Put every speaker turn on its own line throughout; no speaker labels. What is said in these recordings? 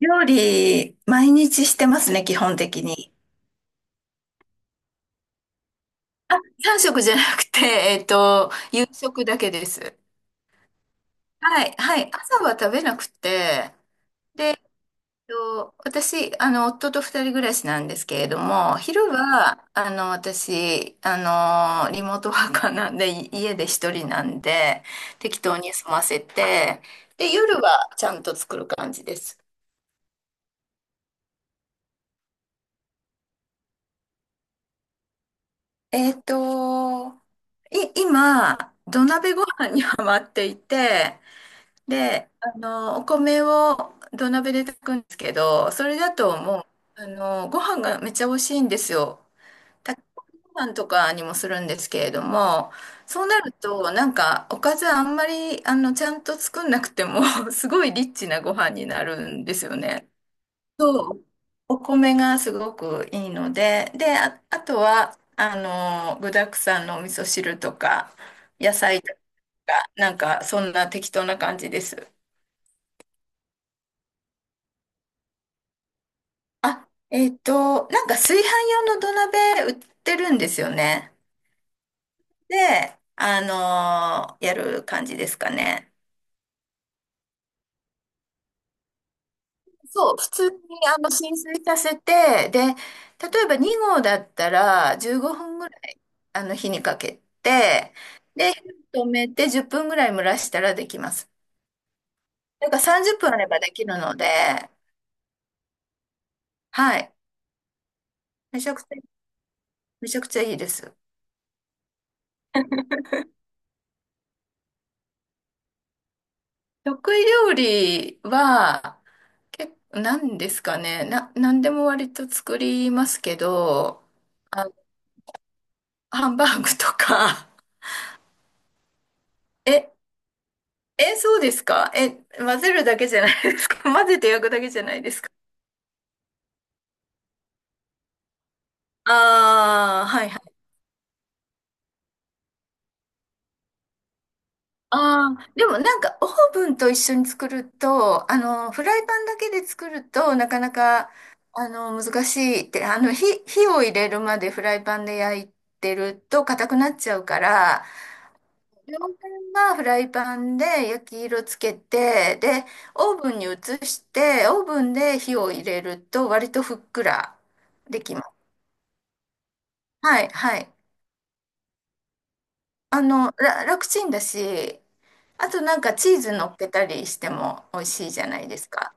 料理、毎日してますね、基本的に。3食じゃなくて、夕食だけです。はい、はい。朝は食べなくて、で、私、夫と二人暮らしなんですけれども、昼は、私、リモートワーカーなんで、い家で一人なんで、適当に済ませて、で、夜はちゃんと作る感じです。えっと、今、土鍋ご飯にハマっていて、で、お米を土鍋で炊くんですけど、それだともう、ご飯がめっちゃ美味しいんですよ。炊き込みご飯とかにもするんですけれども、そうなると、なんか、おかずあんまり、ちゃんと作んなくても すごいリッチなご飯になるんですよね。そう、お米がすごくいいので、で、あ、あとは、具沢山のお味噌汁とか、野菜とか、なんか、そんな適当な感じです。あ、なんか炊飯用の土鍋売ってるんですよね。で、やる感じですかね。そう、普通に浸水させて、で、例えば2合だったら15分ぐらい火にかけて、で、火を止めて10分ぐらい蒸らしたらできます。だから30分あればできるので、はい。めちゃくちゃ、めちゃくちゃいいです。得意料理は、結構、なんですかね。なんでも割と作りますけど、あ、ハンバーグとか。え、そうですか混ぜるだけじゃないですか？ 混ぜて焼くだけじゃないですか？ああはいはい。ああ、でもなんかオーブンと一緒に作ると、フライパンだけで作るとなかなか、難しいって、火を入れるまでフライパンで焼いてると硬くなっちゃうから、両面はフライパンで焼き色つけて、で、オーブンに移して、オーブンで火を入れると割とふっくらできます。はい、はい。楽ちんだし、あとなんかチーズ乗っけたりしても美味しいじゃないですか。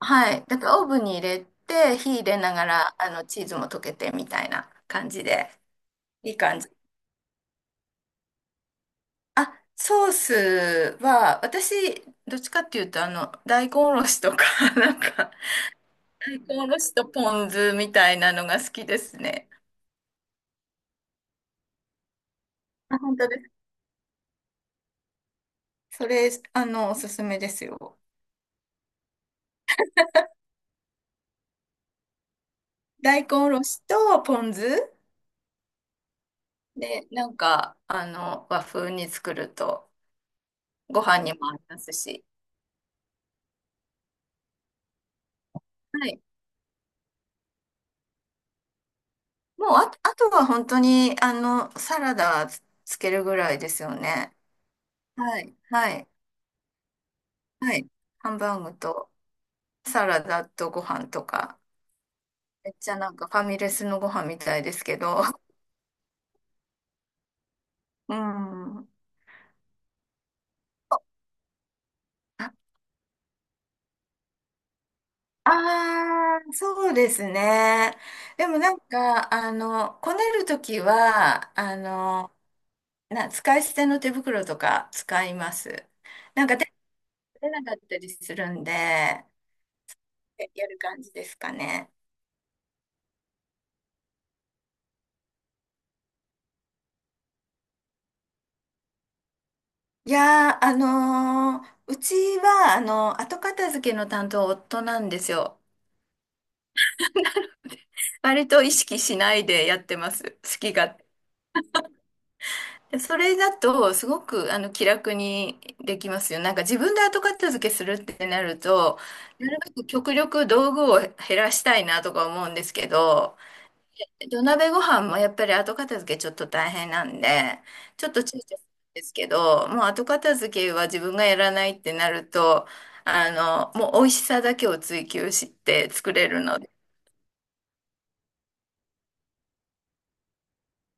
はい。だからオーブンに入れて、火入れながら、チーズも溶けてみたいな感じで、いい感じ。あ、ソースは、私、どっちかっていうと、大根おろしとか、なんか、おろしとポン酢みたいなのが好きですね。あ、本当です。それ、おすすめですよ。大根おろしとポン酢。で、なんか、和風に作ると、ご飯にも合いますし。はい。もうあ、あとは本当に、サラダつけるぐらいですよね。はい。はい。はい。ハンバーグとサラダとご飯とか。めっちゃなんかファミレスのご飯みたいですけど。うん。ああ、そうですね。でもなんか、こねるときは、使い捨ての手袋とか使います。なんか手が出なかったりするんで、やる感じですかね。いやー、うちは、後片付けの担当夫なんですよ。割と意識しないでやってます。好き勝でそれだと、すごく、気楽にできますよ。なんか自分で後片付けするってなると、なるべく極力道具を減らしたいなとか思うんですけど、土鍋ご飯もやっぱり後片付けちょっと大変なんで、ちょっと躊躇するんですけど、もう後片付けは自分がやらないってなると、あもう美味しさだけを追求して作れるので。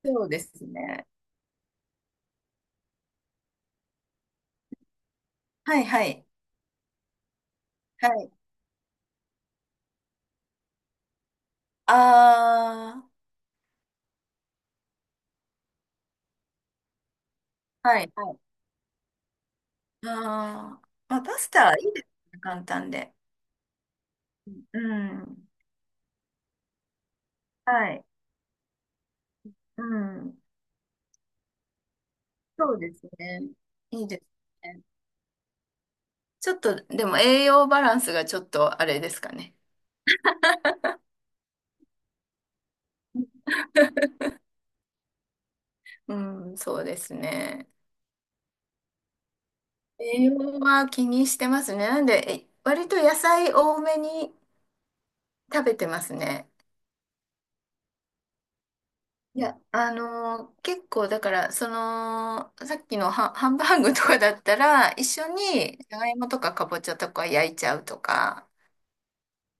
そうですね。はいはい。はい。ああはいはい。ああ、まあ、パスタいいですね、簡単で。うん。はい。うん。そうですね。いいですね。ちょっと、でも栄養バランスがちょっとあれですかね。うん、そうですね。栄養は気にしてますね。なんで、割と野菜多めに食べてますね。いや、結構だから、その、さっきのハンバーグとかだったら、一緒にじゃがいもとかかぼちゃとか焼いちゃうとか、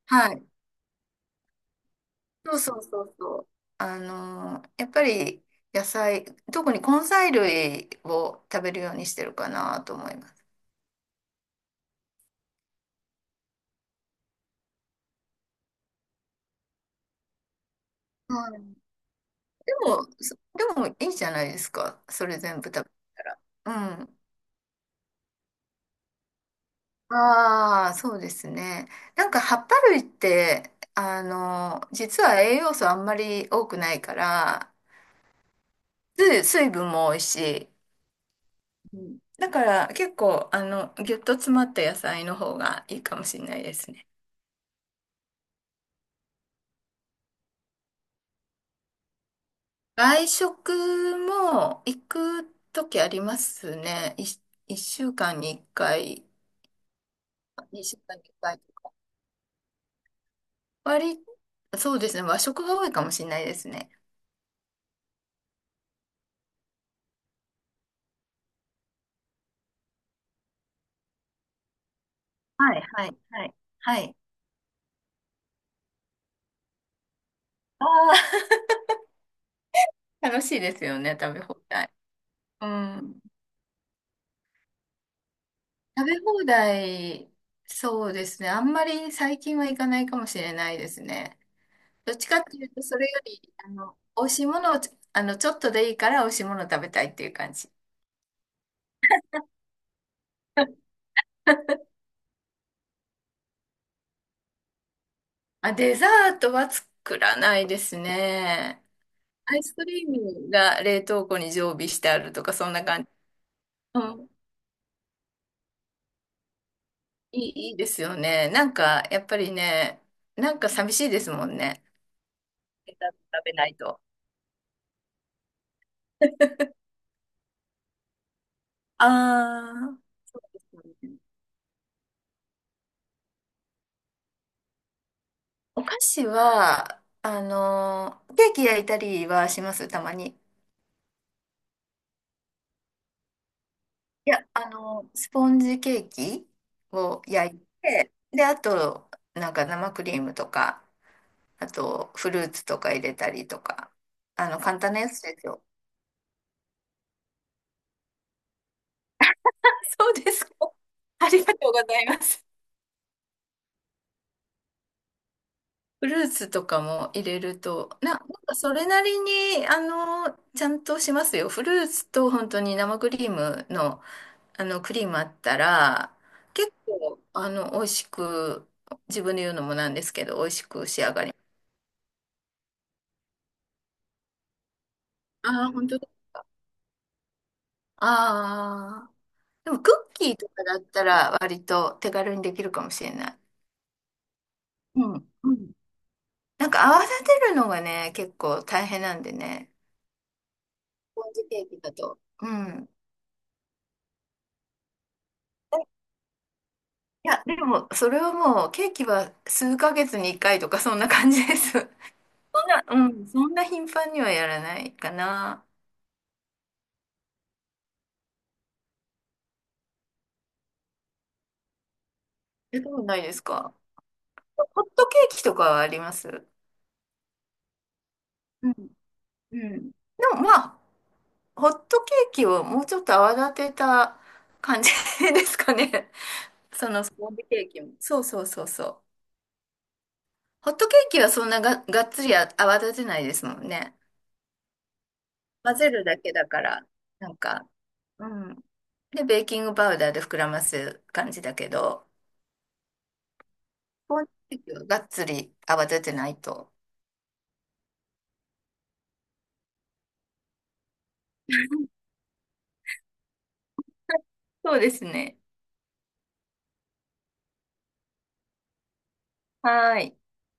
はいそうそうそうそう。やっぱり野菜、特に根菜類を食べるようにしてるかなと思います。うん。でも、そでもいいじゃないですか。それ全部食べたら。うん。ああ、そうですね。なんか葉っぱ類って、実は栄養素あんまり多くないから、水分も多いし、うんだから結構、ぎゅっと詰まった野菜の方がいいかもしれないですね。外食も行くときありますね。1週間に1回、2週間に1回とか。割り、そうですね。和食が多いかもしれないですね。はい、はい、はい、はい。ああ、楽しいですよね。食べ放題。うん。食べ放題、そうですね。あんまり最近は行かないかもしれないですね。どっちかっていうと、それより、美味しいものを、ちょっとでいいから美味しいものを食べたいっていう感じ。あ、デザートは作らないですね。アイスクリームが冷凍庫に常備してあるとか、そんな感じ。うん、いい、いいですよね。なんか、やっぱりね、なんか寂しいですもんね。デザート食べないと。ああ。お菓子は、ケーキ焼いたりはします、たまに。いや、スポンジケーキを焼いて、で、あと、なんか生クリームとか、あと、フルーツとか入れたりとか。簡単なやつですよ。そうですか。ありがとうございます。フルーツとかも入れると、なんかそれなりに、ちゃんとしますよ。フルーツと本当に生クリームの、クリームあったら、結構、美味しく、自分で言うのもなんですけど、美味しく仕上がります。ああ、本当だ。ああ。でも、クッキーとかだったら、割と手軽にできるかもしれない。うん。うんなんか泡立てるのがね、結構大変なんでね。スポンジケーキだと。うん。えいや、でも、それはもう、ケーキは数ヶ月に1回とか、そんな感じです。そんな、うん、そんな頻繁にはやらないかな。やったことないですか？ホットケーキとかはあります？うん。うん。でも、まあ、ホットケーキをもうちょっと泡立てた感じ ですかね。そのスポンジケーキも。そうそうそうそう。ホットケーキはそんながっつり泡立てないですもんね。混ぜるだけだから、なんか、うん。で、ベーキングパウダーで膨らます感じだけど、スポンジケーキはがっつり泡立てないと。そうですね。はーい。